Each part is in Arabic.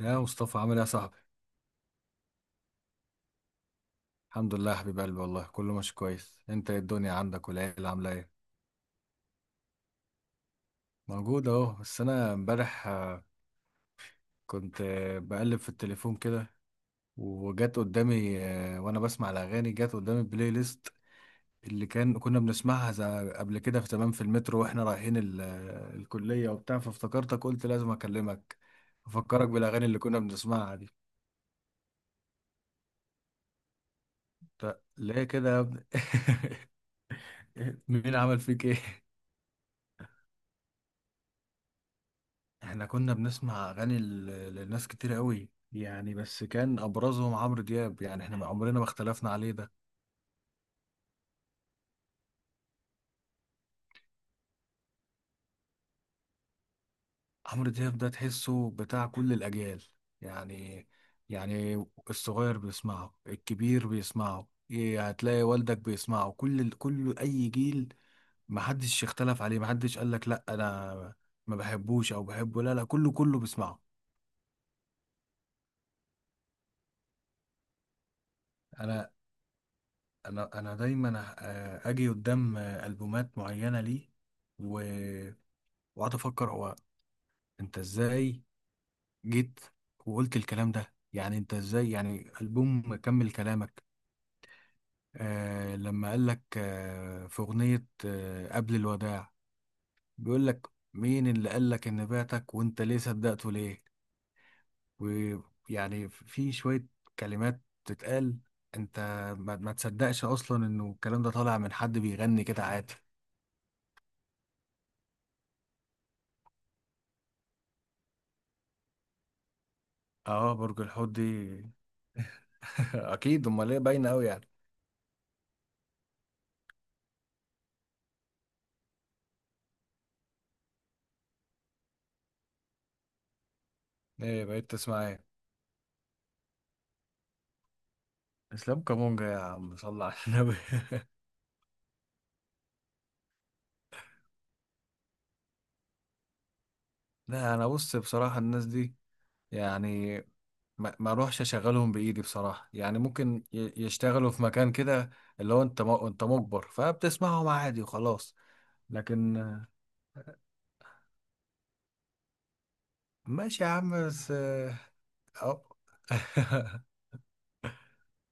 يا مصطفى، عامل ايه يا صاحبي؟ الحمد لله يا حبيب قلبي، والله كله ماشي كويس. انت ايه الدنيا عندك؟ والعيله عامله ايه؟ موجود اهو، بس انا امبارح كنت بقلب في التليفون كده، وجت قدامي، وانا بسمع الاغاني جت قدامي بلاي ليست اللي كنا بنسمعها قبل كده، في تمام، في المترو واحنا رايحين الكليه وبتاع، فافتكرتك قلت لازم اكلمك، افكرك بالاغاني اللي كنا بنسمعها دي. طب ليه كده يا ابني؟ مين عمل فيك ايه؟ احنا كنا بنسمع اغاني لناس كتير قوي يعني، بس كان ابرزهم عمرو دياب، يعني احنا ما عمرنا ما اختلفنا عليه ده. عمرو دياب ده تحسه بتاع كل الاجيال يعني، يعني الصغير بيسمعه، الكبير بيسمعه، إيه، هتلاقي والدك بيسمعه، كل اي جيل. محدش اختلف عليه، محدش قال لك لا انا ما بحبوش او بحبه، لا لا، كله بيسمعه. انا انا دايما اجي قدام البومات معينة، ليه؟ وقعدت افكر، هو انت ازاي جيت وقلت الكلام ده؟ يعني انت ازاي؟ يعني البوم كمل كلامك. لما قال لك في اغنيه قبل الوداع، بيقول لك مين اللي قال لك ان بعتك؟ وانت ليه صدقته؟ ليه؟ ويعني في شويه كلمات تتقال، انت ما تصدقش اصلا انه الكلام ده طالع من حد بيغني كده عادي. اه برج الحوت دي اكيد، امال ايه، باينه قوي يعني. ايه بقيت تسمع ايه؟ اسلام كامونجا يا عم، صل على النبي لا انا بص، بصراحه الناس دي يعني ما اروحش اشغلهم بايدي بصراحه، يعني ممكن يشتغلوا في مكان كده، اللي هو انت انت مجبر فبتسمعهم عادي وخلاص. لكن ماشي يا عم، بس أو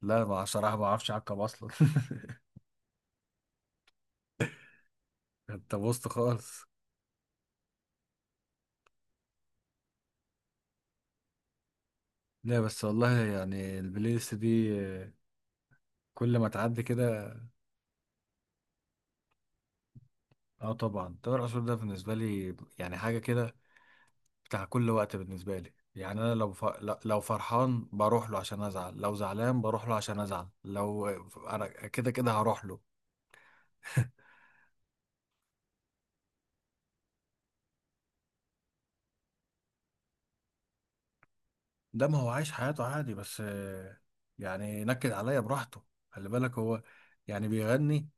لا، ما صراحه ما اعرفش اعقب اصلا انت بوظت خالص. لا بس والله، يعني البلاي ليست دي كل ما تعدي كده. اه طبعا، تامر عاشور ده بالنسبه لي يعني حاجه كده، بتاع كل وقت بالنسبة لي. يعني أنا لو فرحان بروح له عشان أزعل، لو زعلان بروح له عشان أزعل، لو أنا كده كده هروح له. ده ما هو عايش حياته عادي، بس يعني نكد عليا براحته. خلي بالك هو يعني بيغني،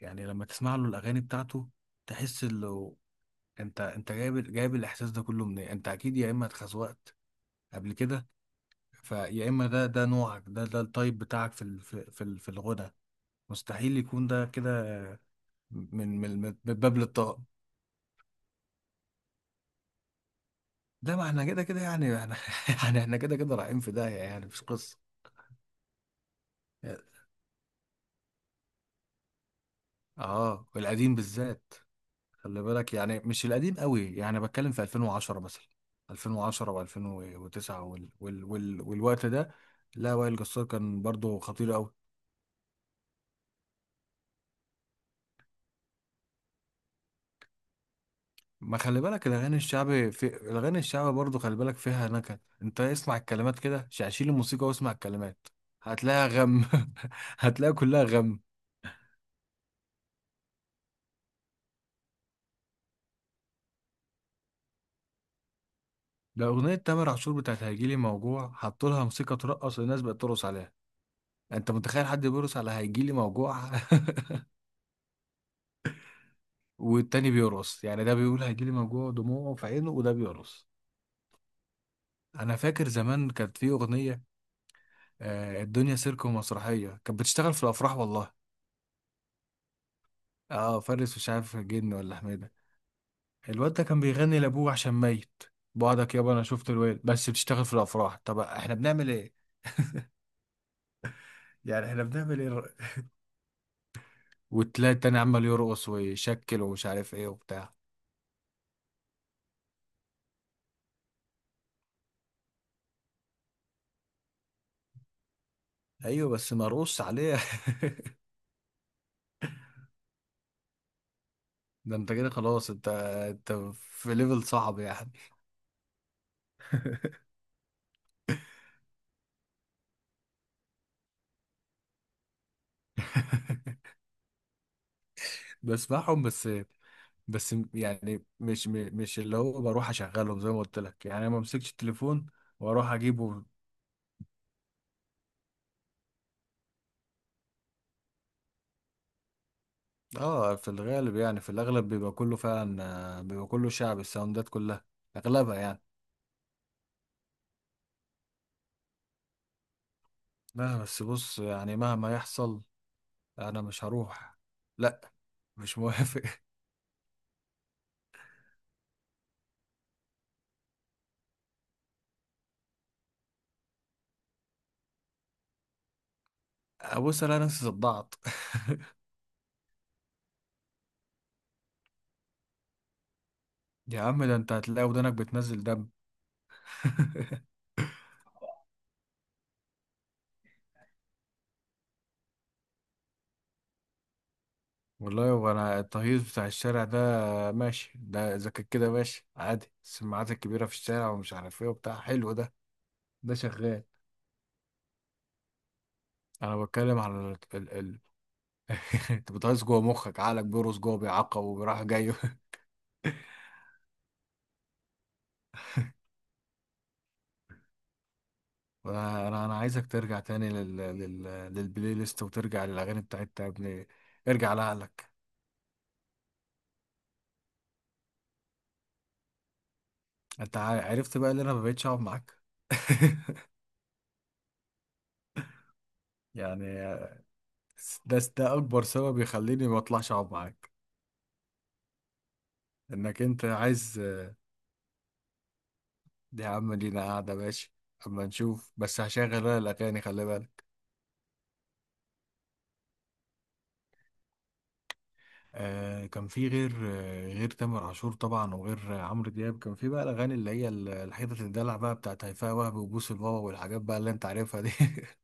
يعني لما تسمع له الأغاني بتاعته تحس إنه أنت جايب الإحساس ده كله منين. أنت أكيد يا إما اتخزوقت قبل كده، فيا إما ده نوعك، ده التايب بتاعك في في الغنى. مستحيل يكون ده كده. من من باب للطاقة، ده ما احنا كده كده يعني احنا يعني احنا كده كده رايحين في داهية، يعني مش قصة. اه القديم بالذات. خلي بالك يعني مش القديم قوي، يعني بتكلم في 2010 مثلا، 2010 و2009 والوقت ده. لا وائل جسار كان برضو خطير قوي. ما خلي بالك الاغاني الشعبي، في الاغاني الشعبي برضو خلي بالك فيها نكد، انت اسمع الكلمات كده، شيل الموسيقى واسمع الكلمات. هتلاقيها غم هتلاقيها كلها غم. ده أغنية تامر عاشور بتاعت هيجيلي موجوع، حطوا لها موسيقى ترقص والناس بقت ترقص عليها. أنت متخيل حد بيرقص على هيجيلي موجوع؟ والتاني بيرقص يعني، ده بيقول هيجيلي موجوع دموعه في عينه وده بيرقص. أنا فاكر زمان كانت في أغنية الدنيا سيرك ومسرحية، كانت بتشتغل في الأفراح والله. أه فارس، مش عارف جن ولا حميدة. الواد ده كان بيغني لأبوه عشان ميت، بعدك يابا، أنا شفت الواد بس بتشتغل في الأفراح، طب إحنا بنعمل إيه؟ يعني إحنا بنعمل إيه؟ والتلاقي التاني عمال يرقص ويشكل ومش عارف إيه وبتاع. ايوه، بس مرقص عليه ده انت كده خلاص، انت انت في ليفل صعب يعني. بسمعهم بس، بس يعني مش اللي هو بروح اشغلهم زي ما قلت لك، يعني أنا ما امسكش التليفون واروح اجيبه. اه في الغالب، يعني في الاغلب بيبقى كله فعلا، بيبقى كله شعب، الساوندات كلها اغلبها يعني. لا بس بص، يعني مهما يحصل انا مش هروح، لا، مش موافق ابص انا نفسي صدعت يا عم، ده انت هتلاقي ودانك بتنزل دم والله هو انا التهيص بتاع الشارع ده ماشي، ده اذا كان كده ماشي عادي، السماعات الكبيره في الشارع ومش عارف ايه وبتاع حلو ده. ده شغال. انا بتكلم على ال... ال... ال... انت بتهيص جوه مخك، عقلك بيرقص جوه بيعقب وبيروح جاي انا انا أنا عايزك ترجع تاني للبلاي ليست، وترجع للاغاني بتاعتها يا ابني. ارجع لعقلك. انت عرفت بقى ان انا ما بقتش اقعد معاك يعني ده اكبر سبب يخليني ما اطلعش اقعد معاك، انك انت عايز. دي يا عم لينا قاعدة ماشي، أما نشوف، بس هشغل أنا الأغاني خلي بالك. كان في غير تامر عاشور طبعا، وغير عمرو دياب، كان في بقى الاغاني اللي هي الحتت الدلع بقى بتاعت هيفاء وهبي وبوس البابا والحاجات بقى اللي انت عارفها دي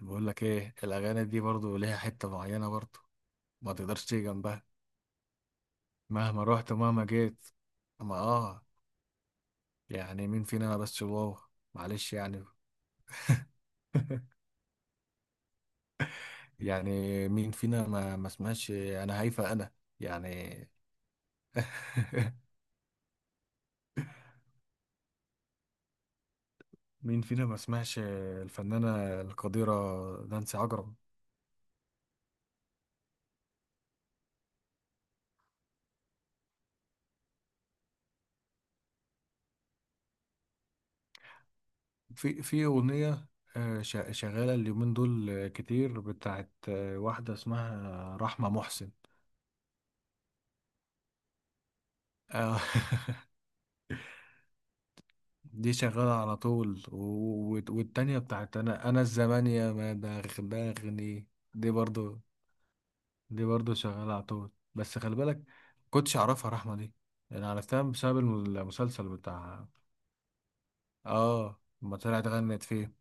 بقول لك ايه، الاغاني دي برضو ليها حته معينه برضو، ما تقدرش تيجي جنبها مهما رحت ومهما جيت. اما اه، يعني مين فينا ما بس واو. معلش يعني. يعني مين فينا ما سمعش؟ انا هيفا انا يعني مين فينا ما سمعش الفنانة القديرة نانسي عجرم؟ في أغنية شغالة اليومين دول كتير، بتاعت واحدة اسمها رحمة محسن. آه، دي شغالة على طول، والتانية بتاعت أنا الزمان يا ما دغدغني. دي برضو، دي برضو شغالة على طول، بس خلي بالك كنتش أعرفها رحمة دي، أنا عرفتها بسبب المسلسل بتاع، لما طلعت غنت فيه.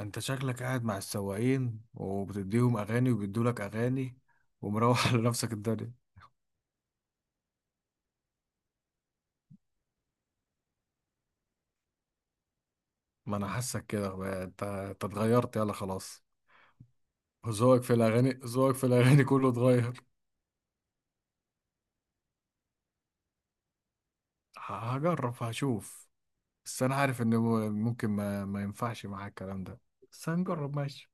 انت شكلك قاعد مع السواقين وبتديهم اغاني وبيدولك اغاني ومروح على نفسك الدنيا. ما انا حاسك كده بقى، انت اتغيرت يلا خلاص. ذوقك في الاغاني، ذوقك في الاغاني كله اتغير. هجرب هشوف، بس انا عارف ان ممكن ما ينفعش معاك الكلام ده. بس هنجرب ماشي،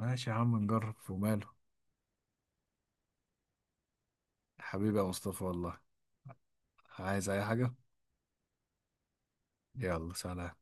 ماشي يا عم نجرب وماله. حبيبي يا مصطفى والله. عايز اي حاجة؟ يلا سلام.